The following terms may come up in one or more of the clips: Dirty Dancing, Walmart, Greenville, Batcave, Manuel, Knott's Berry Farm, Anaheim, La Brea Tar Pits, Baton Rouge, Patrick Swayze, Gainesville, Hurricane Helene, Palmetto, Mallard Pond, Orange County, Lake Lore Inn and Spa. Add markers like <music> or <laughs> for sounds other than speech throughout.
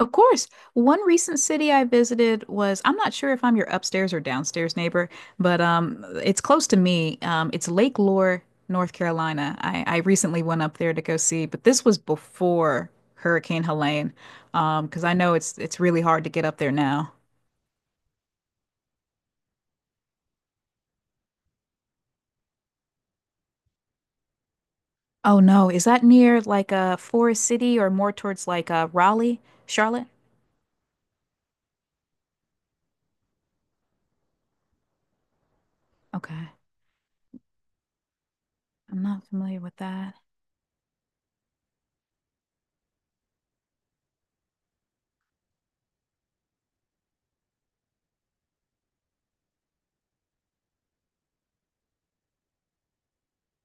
Of course. One recent city I visited was, I'm not sure if I'm your upstairs or downstairs neighbor, but it's close to me. It's Lake Lore, North Carolina. I recently went up there to go see, but this was before Hurricane Helene, because I know it's really hard to get up there now. Oh no, is that near like a Forest City or more towards like Raleigh, Charlotte? Okay, I'm not familiar with that.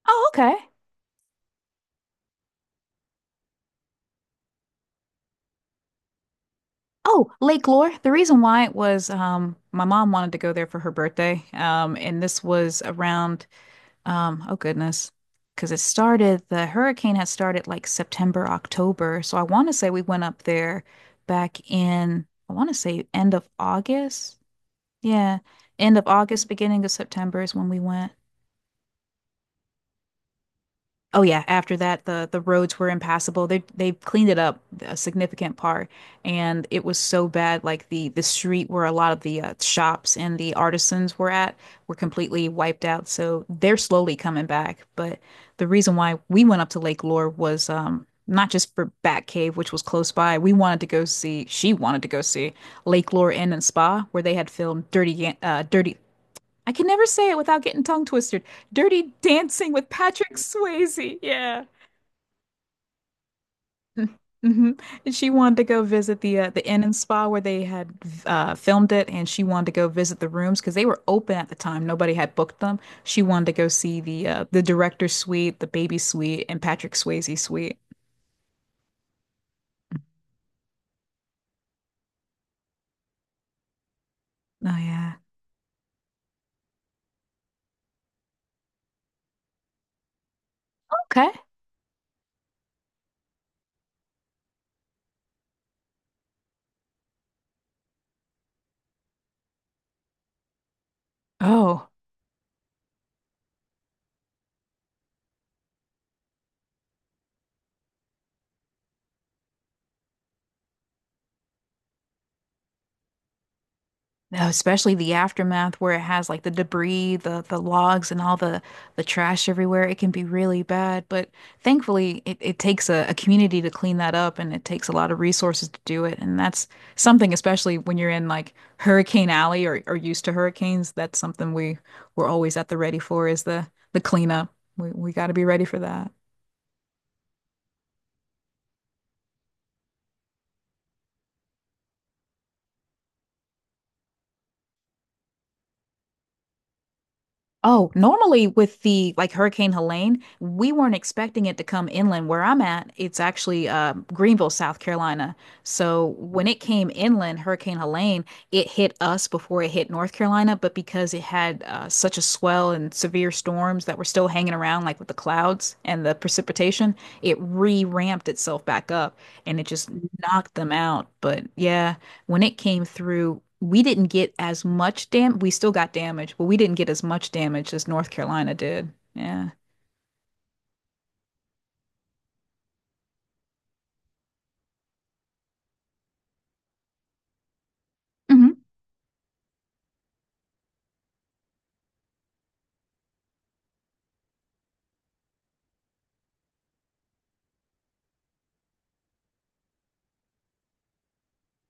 Oh, okay. Oh, Lake Lore. The reason why it was my mom wanted to go there for her birthday. And this was around, oh goodness, because it started, the hurricane had started like September, October. So I want to say we went up there back in, I want to say end of August. Yeah. End of August, beginning of September is when we went. Oh yeah, after that the roads were impassable. They cleaned it up a significant part, and it was so bad, like the street where a lot of the shops and the artisans were at were completely wiped out. So they're slowly coming back, but the reason why we went up to Lake Lore was not just for Batcave, which was close by. We wanted to go see, she wanted to go see Lake Lore Inn and Spa where they had filmed Dirty, I can never say it without getting tongue twisted. Dirty Dancing with Patrick Swayze. Yeah. <laughs> Hmm. And she wanted to go visit the inn and spa where they had filmed it, and she wanted to go visit the rooms because they were open at the time. Nobody had booked them. She wanted to go see the director's suite, the baby suite, and Patrick Swayze suite. Oh yeah. Okay. Oh. No, especially the aftermath where it has like the debris, the logs, and all the trash everywhere. It can be really bad, but thankfully it takes a community to clean that up, and it takes a lot of resources to do it. And that's something, especially when you're in like Hurricane Alley or used to hurricanes, that's something we we're always at the ready for is the cleanup. We got to be ready for that. Oh, normally with the like Hurricane Helene, we weren't expecting it to come inland where I'm at. It's actually Greenville, South Carolina. So when it came inland, Hurricane Helene, it hit us before it hit North Carolina. But because it had such a swell and severe storms that were still hanging around, like with the clouds and the precipitation, it re-ramped itself back up, and it just knocked them out. But yeah, when it came through, we didn't get as much dam. We still got damage, but we didn't get as much damage as North Carolina did. Yeah. Hmm.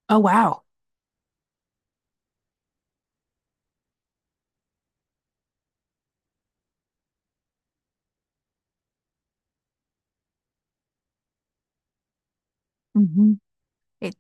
Oh, wow. Hmm. It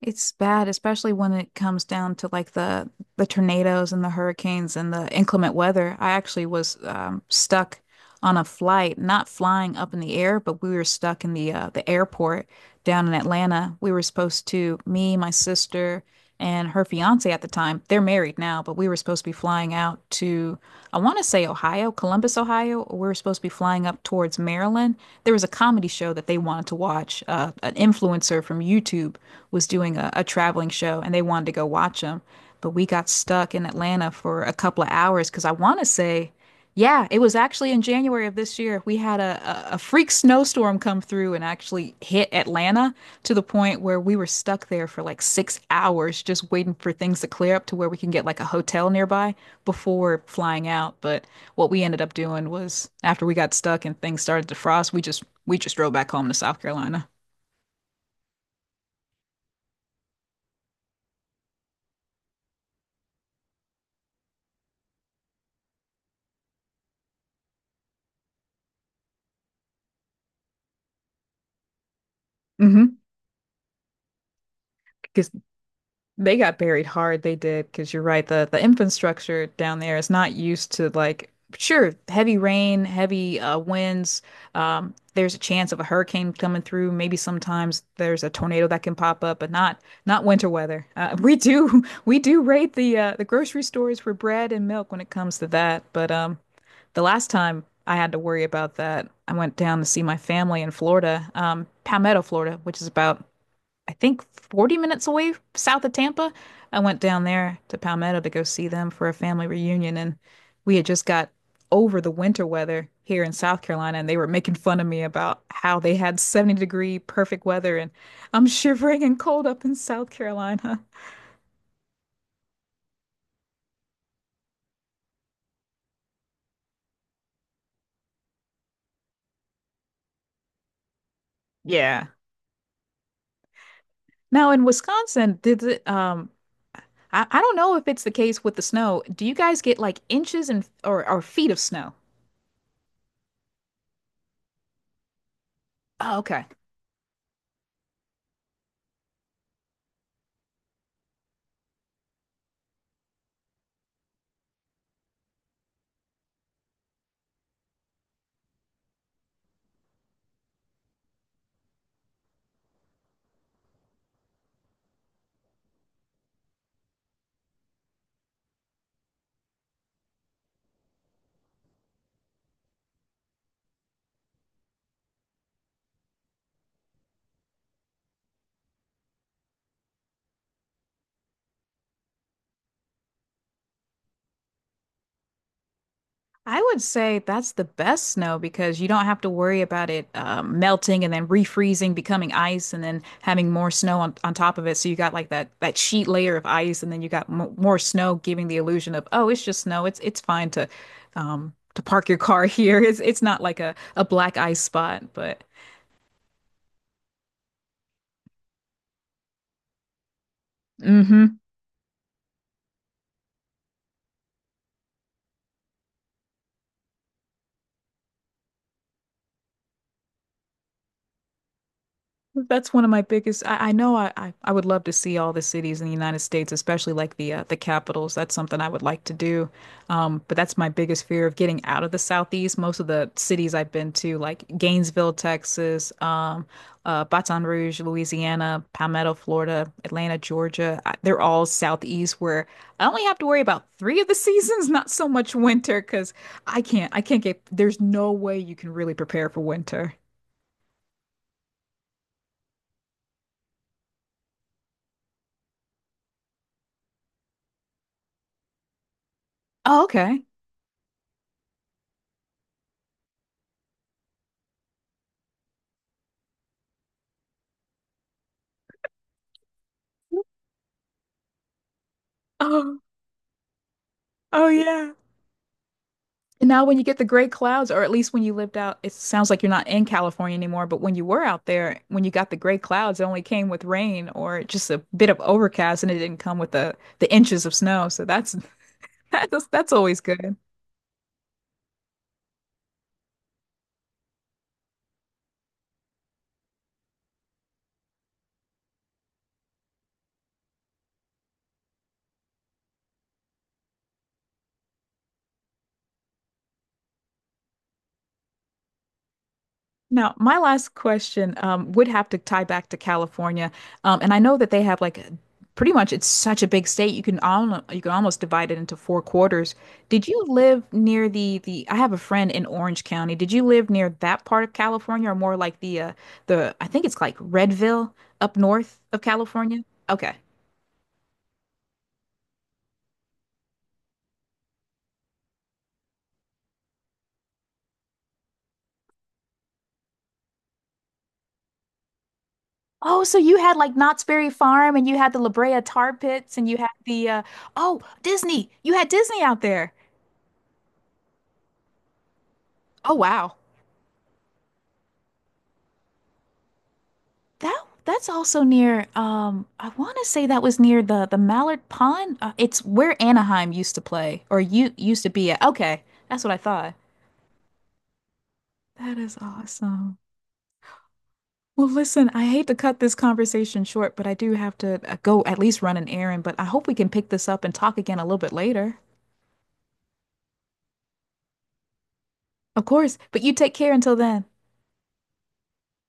it's bad, especially when it comes down to like the tornadoes and the hurricanes and the inclement weather. I actually was stuck on a flight, not flying up in the air, but we were stuck in the airport down in Atlanta. We were supposed to, me, my sister and her fiance at the time, they're married now, but we were supposed to be flying out to, I want to say Ohio, Columbus, Ohio, or we were supposed to be flying up towards Maryland. There was a comedy show that they wanted to watch. An influencer from YouTube was doing a traveling show, and they wanted to go watch him. But we got stuck in Atlanta for a couple of hours because I want to say yeah, it was actually in January of this year. We had a freak snowstorm come through and actually hit Atlanta to the point where we were stuck there for like 6 hours just waiting for things to clear up to where we can get like a hotel nearby before flying out. But what we ended up doing was after we got stuck and things started to frost, we just drove back home to South Carolina. Mm-hmm. They got buried hard, they did, because you're right, the infrastructure down there is not used to like sure, heavy rain, heavy winds. There's a chance of a hurricane coming through. Maybe sometimes there's a tornado that can pop up, but not not winter weather. We do <laughs> we do raid the grocery stores for bread and milk when it comes to that. But the last time I had to worry about that, I went down to see my family in Florida, Palmetto, Florida, which is about I think 40 minutes away south of Tampa. I went down there to Palmetto to go see them for a family reunion, and we had just got over the winter weather here in South Carolina, and they were making fun of me about how they had 70-degree perfect weather, and I'm shivering and cold up in South Carolina. Yeah. Now in Wisconsin, did it, I don't know if it's the case with the snow. Do you guys get like inches and or feet of snow? Oh, okay. I would say that's the best snow because you don't have to worry about it melting and then refreezing, becoming ice, and then having more snow on top of it. So you got like that that sheet layer of ice, and then you got m more snow, giving the illusion of oh, it's just snow. It's fine to park your car here. <laughs> It's not like a black ice spot, but mm-hmm. That's one of my biggest. I know I would love to see all the cities in the United States, especially like the capitals. That's something I would like to do. But that's my biggest fear of getting out of the Southeast. Most of the cities I've been to, like Gainesville, Texas, Baton Rouge, Louisiana, Palmetto, Florida, Atlanta, Georgia, I, they're all Southeast where I only have to worry about three of the <laughs> seasons, not so much winter, because I can't get. There's no way you can really prepare for winter. Oh, okay. <laughs> Oh yeah. And now when you get the great clouds, or at least when you lived out, it sounds like you're not in California anymore, but when you were out there, when you got the great clouds, it only came with rain or just a bit of overcast, and it didn't come with the inches of snow. So that's <laughs> that's always good. Now, my last question would have to tie back to California, and I know that they have like a- pretty much it's such a big state you can al you can almost divide it into four quarters. Did you live near the the? I have a friend in Orange County. Did you live near that part of California, or more like the I think it's like Redville up north of California? Okay. Oh, so you had like Knott's Berry Farm, and you had the La Brea Tar Pits, and you had the oh Disney. You had Disney out there. Oh wow. That that's also near I want to say that was near the Mallard Pond. It's where Anaheim used to play or you used to be at. Okay, that's what I thought. That is awesome. Well, listen, I hate to cut this conversation short, but I do have to go at least run an errand, but I hope we can pick this up and talk again a little bit later. Of course, but you take care until then.